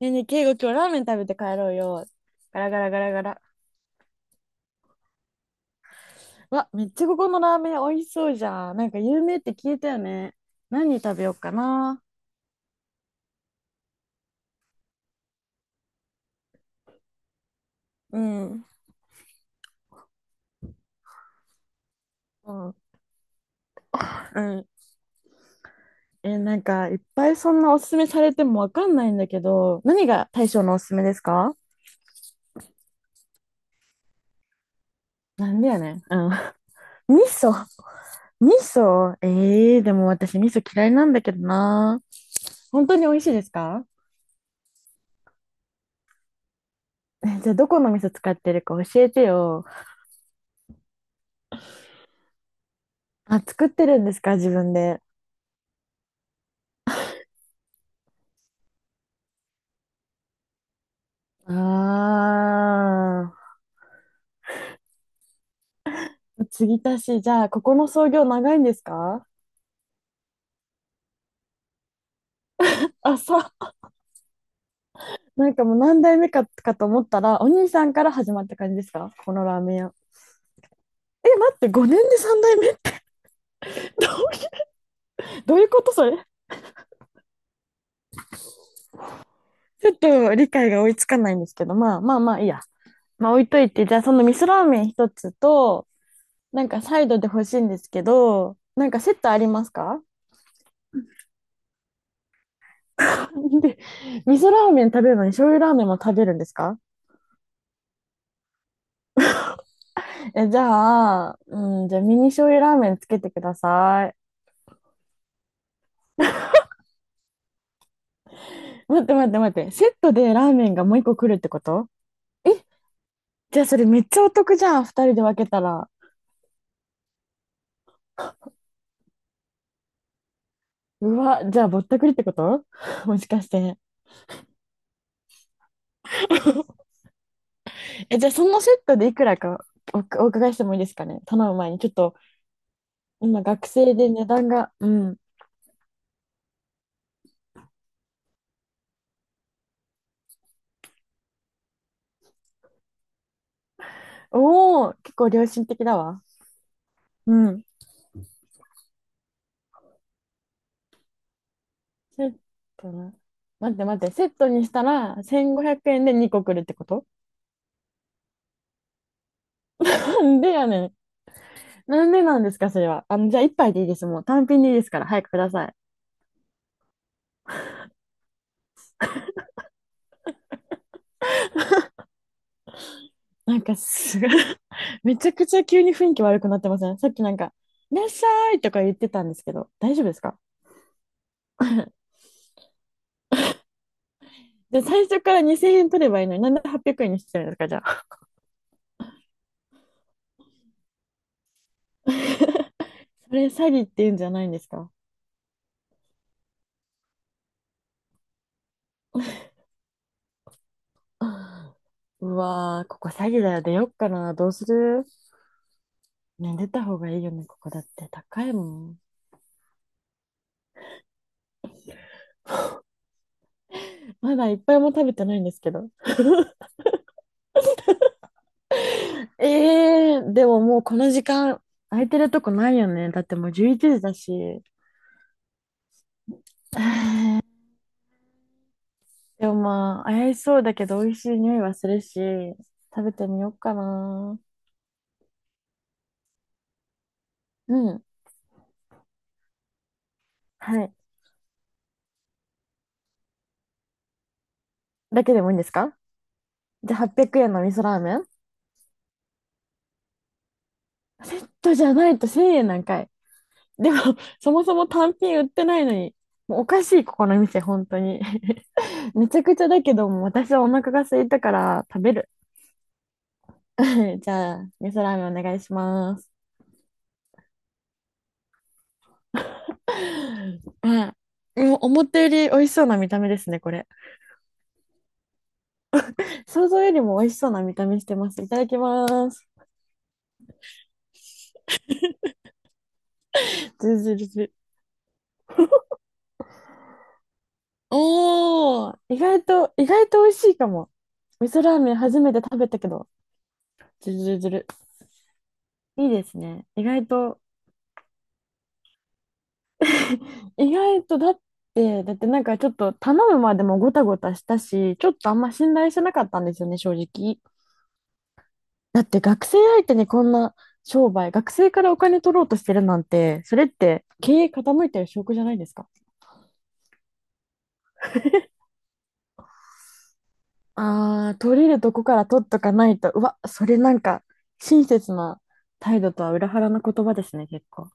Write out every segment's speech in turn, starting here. ねえねえ、敬語今日ラーメン食べて帰ろうよ。ガラガラガラガラ。わ、めっちゃここのラーメン美味しそうじゃん。なんか有名って聞いたよね。何食べようかな。うん。うん。うん。え、なんかいっぱいそんなおすすめされてもわかんないんだけど、何が大将のおすすめですか？なんでやねん。うん。味噌。味噌。でも私味噌嫌いなんだけどな。本当に美味しいですか？え、じゃあどこの味噌使ってるか教えてよ。あ、作ってるんですか？自分で。ああ、継ぎ足し、じゃあ、ここの創業長いんですか？あ、そう、なんかもう何代目かと思ったら、お兄さんから始まった感じですか？このラーメン屋。え、待って、5年で3代目 どういどういうことそれ？ちょっと理解が追いつかないんですけど、まあまあまあいいや。まあ置いといて、じゃあその味噌ラーメン一つと、なんかサイドで欲しいんですけど、なんかセットありますか？ で、味噌ラーメン食べるのに醤油ラーメンも食べるんですか？え、じゃあ、うん、じゃあミニ醤油ラーメンつけてください。待って待って待って、セットでラーメンがもう一個来るってこと？え、じゃあそれめっちゃお得じゃん、二人で分けたら。うわ、じゃあぼったくりってこと もしかして。え、じゃあそのセットでいくらか、お伺いしてもいいですかね、頼む前に。ちょっと、今学生で値段が、うん。おお、結構良心的だわ。うん。セットな。待って待って、セットにしたら1500円で2個来るってこと？なんでやねん。なんでなんですか、それは。じゃあ一杯でいいです。もう単品でいいですから、早くください。なんかすごい めちゃくちゃ急に雰囲気悪くなってません？さっきなんか、いらっしゃいとか言ってたんですけど、大丈夫ですか？ で、最初から2000円取ればいいのに、なんで800円にしてるんですか、じゃあ。それ詐欺って言うんじゃないんですか？ うわー、ここ詐欺だよ。出よっかな。どうする？ね、出た方がいいよね、ここだって。高いもん。まだいっぱいも食べてないんですけど。ええー、でももうこの時間空いてるとこないよね。だってもう11時だし。でもまあ、怪しそうだけど美味しい匂いはするし、食べてみようかな。うん。はい。だけでもいいんですか？じゃあ800円の味噌ラーメン？セットじゃないと1000円なんかい。でも、そもそも単品売ってないのに、もうおかしい、ここの店、本当に。めちゃくちゃだけども、私はお腹が空いたから食べる。じゃあ、味噌ラーメンお願いします。うん。うん、思ったより美味しそうな見た目ですね、これ。想像よりも美味しそうな見た目してます。いただきます。ズルズルズル。おー、意外と、意外と美味しいかも。味噌ラーメン初めて食べたけど、ズルズルズル。いいですね。意外と、意外とだってなんかちょっと頼むまでもごたごたしたし、ちょっとあんま信頼してなかったんですよね、正直。だって学生相手にこんな商売、学生からお金取ろうとしてるなんて、それって経営傾いてる証拠じゃないですか。ああ、取れるとこから取っとかないと、うわ、それなんか親切な態度とは裏腹な言葉ですね、結構。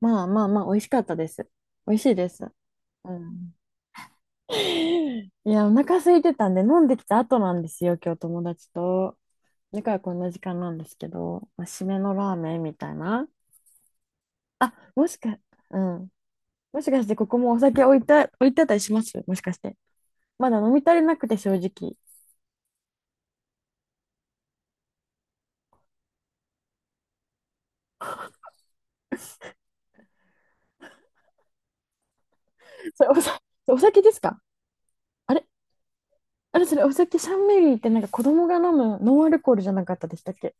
まあまあまあ、美味しかったです。美味しいです。うん。いや、お腹空いてたんで、飲んできた後なんですよ、今日友達と。だからこんな時間なんですけど、まあ、締めのラーメンみたいな。あ、もしか、うん。もしかしてここもお酒置いてあったりします？もしかして。まだ飲み足りなくて正直。それ、お酒ですか？あれ？あれ？それお酒？シャンメリーってなんか子供が飲むノンアルコールじゃなかったでしたっけ？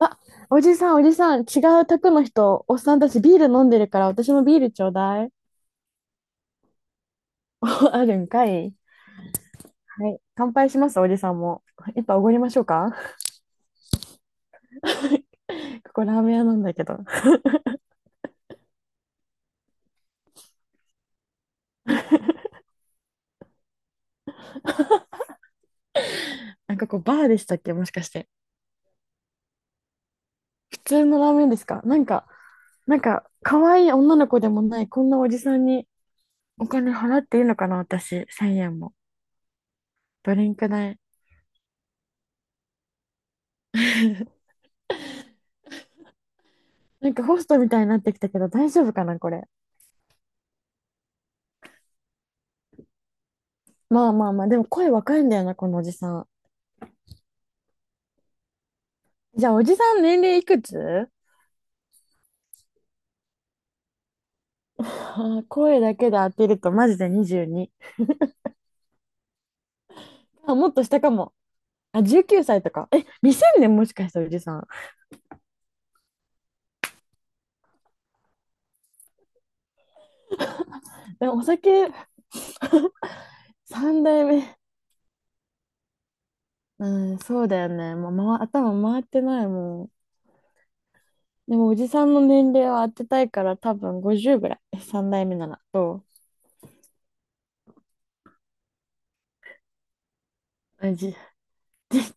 あ、おじさんおじさん、違う宅の人、おっさんたちビール飲んでるから私もビールちょうだい。あるんかい。はい。乾杯します、おじさんも。一杯おごりましょうか？ ここラーメン屋なんだけど。なんかこうバーでしたっけ？もしかして。普通のラーメンですか？なんか、なんか、可愛い女の子でもない、こんなおじさんにお金払っていいのかな、私、1円も。ドリンク代。なんかホストみたいになってきたけど、大丈夫かな、これ。まあまあまあ、でも声若いんだよな、このおじさん。じゃあ、おじさん年齢いくつ？ 声だけで当てると、マジで22。あ、もっと下かも。あ、19歳とか。え、未成年？もしかしておじさん。でもお酒3代目 うん、そうだよね。もう、頭回ってないもん。でもおじさんの年齢を当てたいから多分50ぐらい。3代目なら。そう、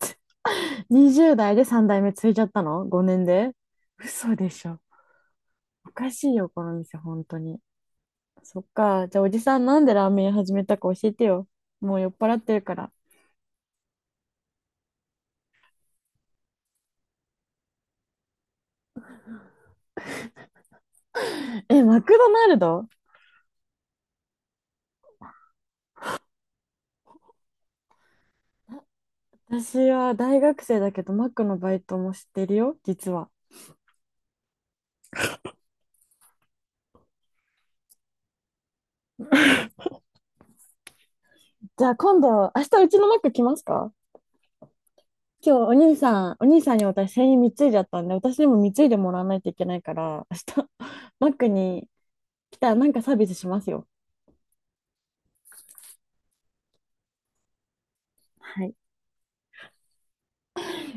20代で3代目ついちゃったの？ 5 年で？嘘でしょ。おかしいよ、この店、本当に。そっか。じゃあおじさんなんでラーメン屋始めたか教えてよ。もう酔っ払ってるから。え、マクドナルド？私は大学生だけどマックのバイトもしてるよ、実は。じゃあ今度、明日うちのマック来ますか？今日お兄さん、お兄さんに私、繊維貢いじゃったんで、私にも貢いでもらわないといけないから、明日、マックに来たらなんかサービスしますよ。はい。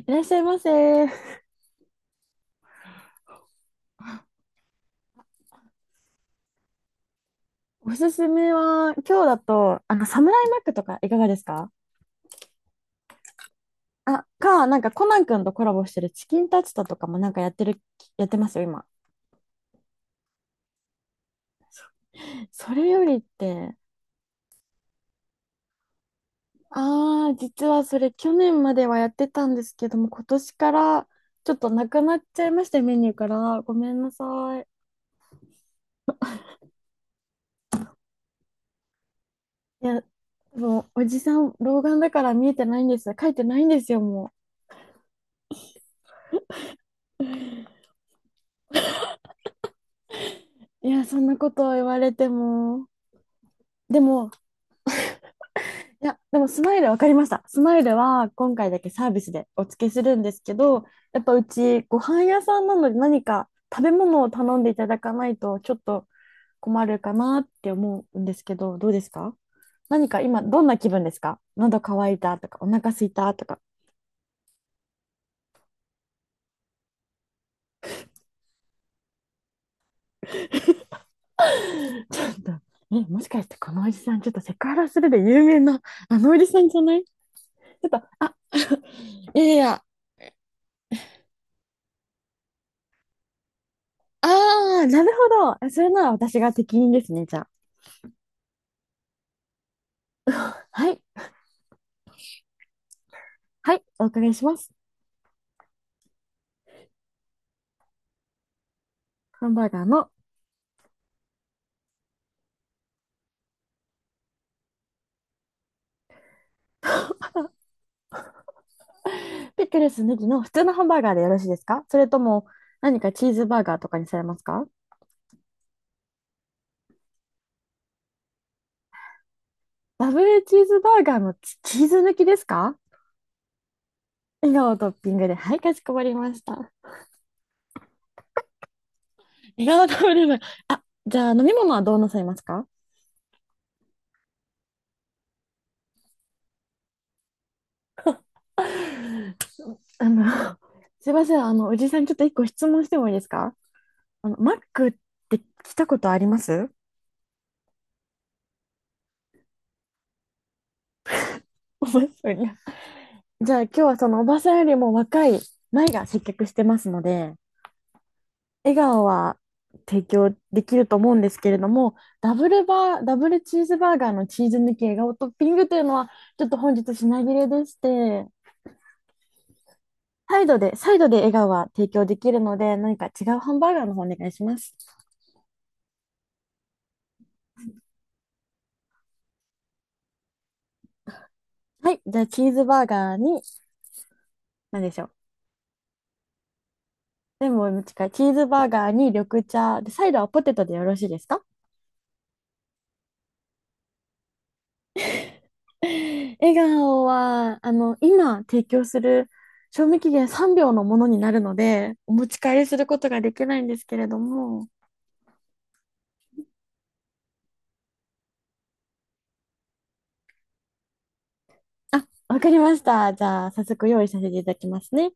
いらっしゃいませ。おすすめは、今日だと、サムライマックとかいかがですか？あ、か、なんかコナン君とコラボしてるチキンタツタとかもなんかやってますよ、今。それよりって、ああ、実はそれ去年まではやってたんですけども、今年からちょっとなくなっちゃいまして、メニューから。ごめんなさい。いや、もう、おじさん、老眼だから見えてないんです？書いてないんですよ、もう。いや、そんなことを言われても。でも、いや、でも、スマイル分かりました。スマイルは、今回だけサービスでお付けするんですけど、やっぱうち、ご飯屋さんなので、何か食べ物を頼んでいただかないと、ちょっと困るかなって思うんですけど、どうですか？何か今、どんな気分ですか？喉乾いたとか、お腹空いたとか。ちょっと、え、もしかしてこのおじさん、ちょっとセクハラするで有名な、あのおじさんじゃない？ちょっと、いやいや、あー、なるほど。それなら私が適任ですね、じゃあ。はい、はい、お伺いします。ハンバーガーの、ピクルスネギの普通のハンバーガーでよろしいですか？それとも、何かチーズバーガーとかにされますか？ダブルチーズバーガーのチーズ抜きですか？笑顔トッピングで、はい、かしこまりました。笑顔トッピング、あ、じゃあ飲み物はどうなさいますか？あ、あの、すいません。おじさん、ちょっと一個質問してもいいですか？マックって来たことあります？ おばさんに。じゃあ、今日はそのおばさんよりも若い前が接客してますので、笑顔は提供できると思うんですけれども、ダブルチーズバーガーのチーズ抜き笑顔トッピングというのは、ちょっと本日品切れでして、サイドで笑顔は提供できるので、何か違うハンバーガーの方お願いします。はい。じゃあ、チーズバーガーに、何でしょう？レモンの近い。チーズバーガーに緑茶。で、サイドはポテトでよろしいですか？笑顔は、今提供する賞味期限3秒のものになるので、お持ち帰りすることができないんですけれども。あ、わかりました。じゃあ、早速用意させていただきますね。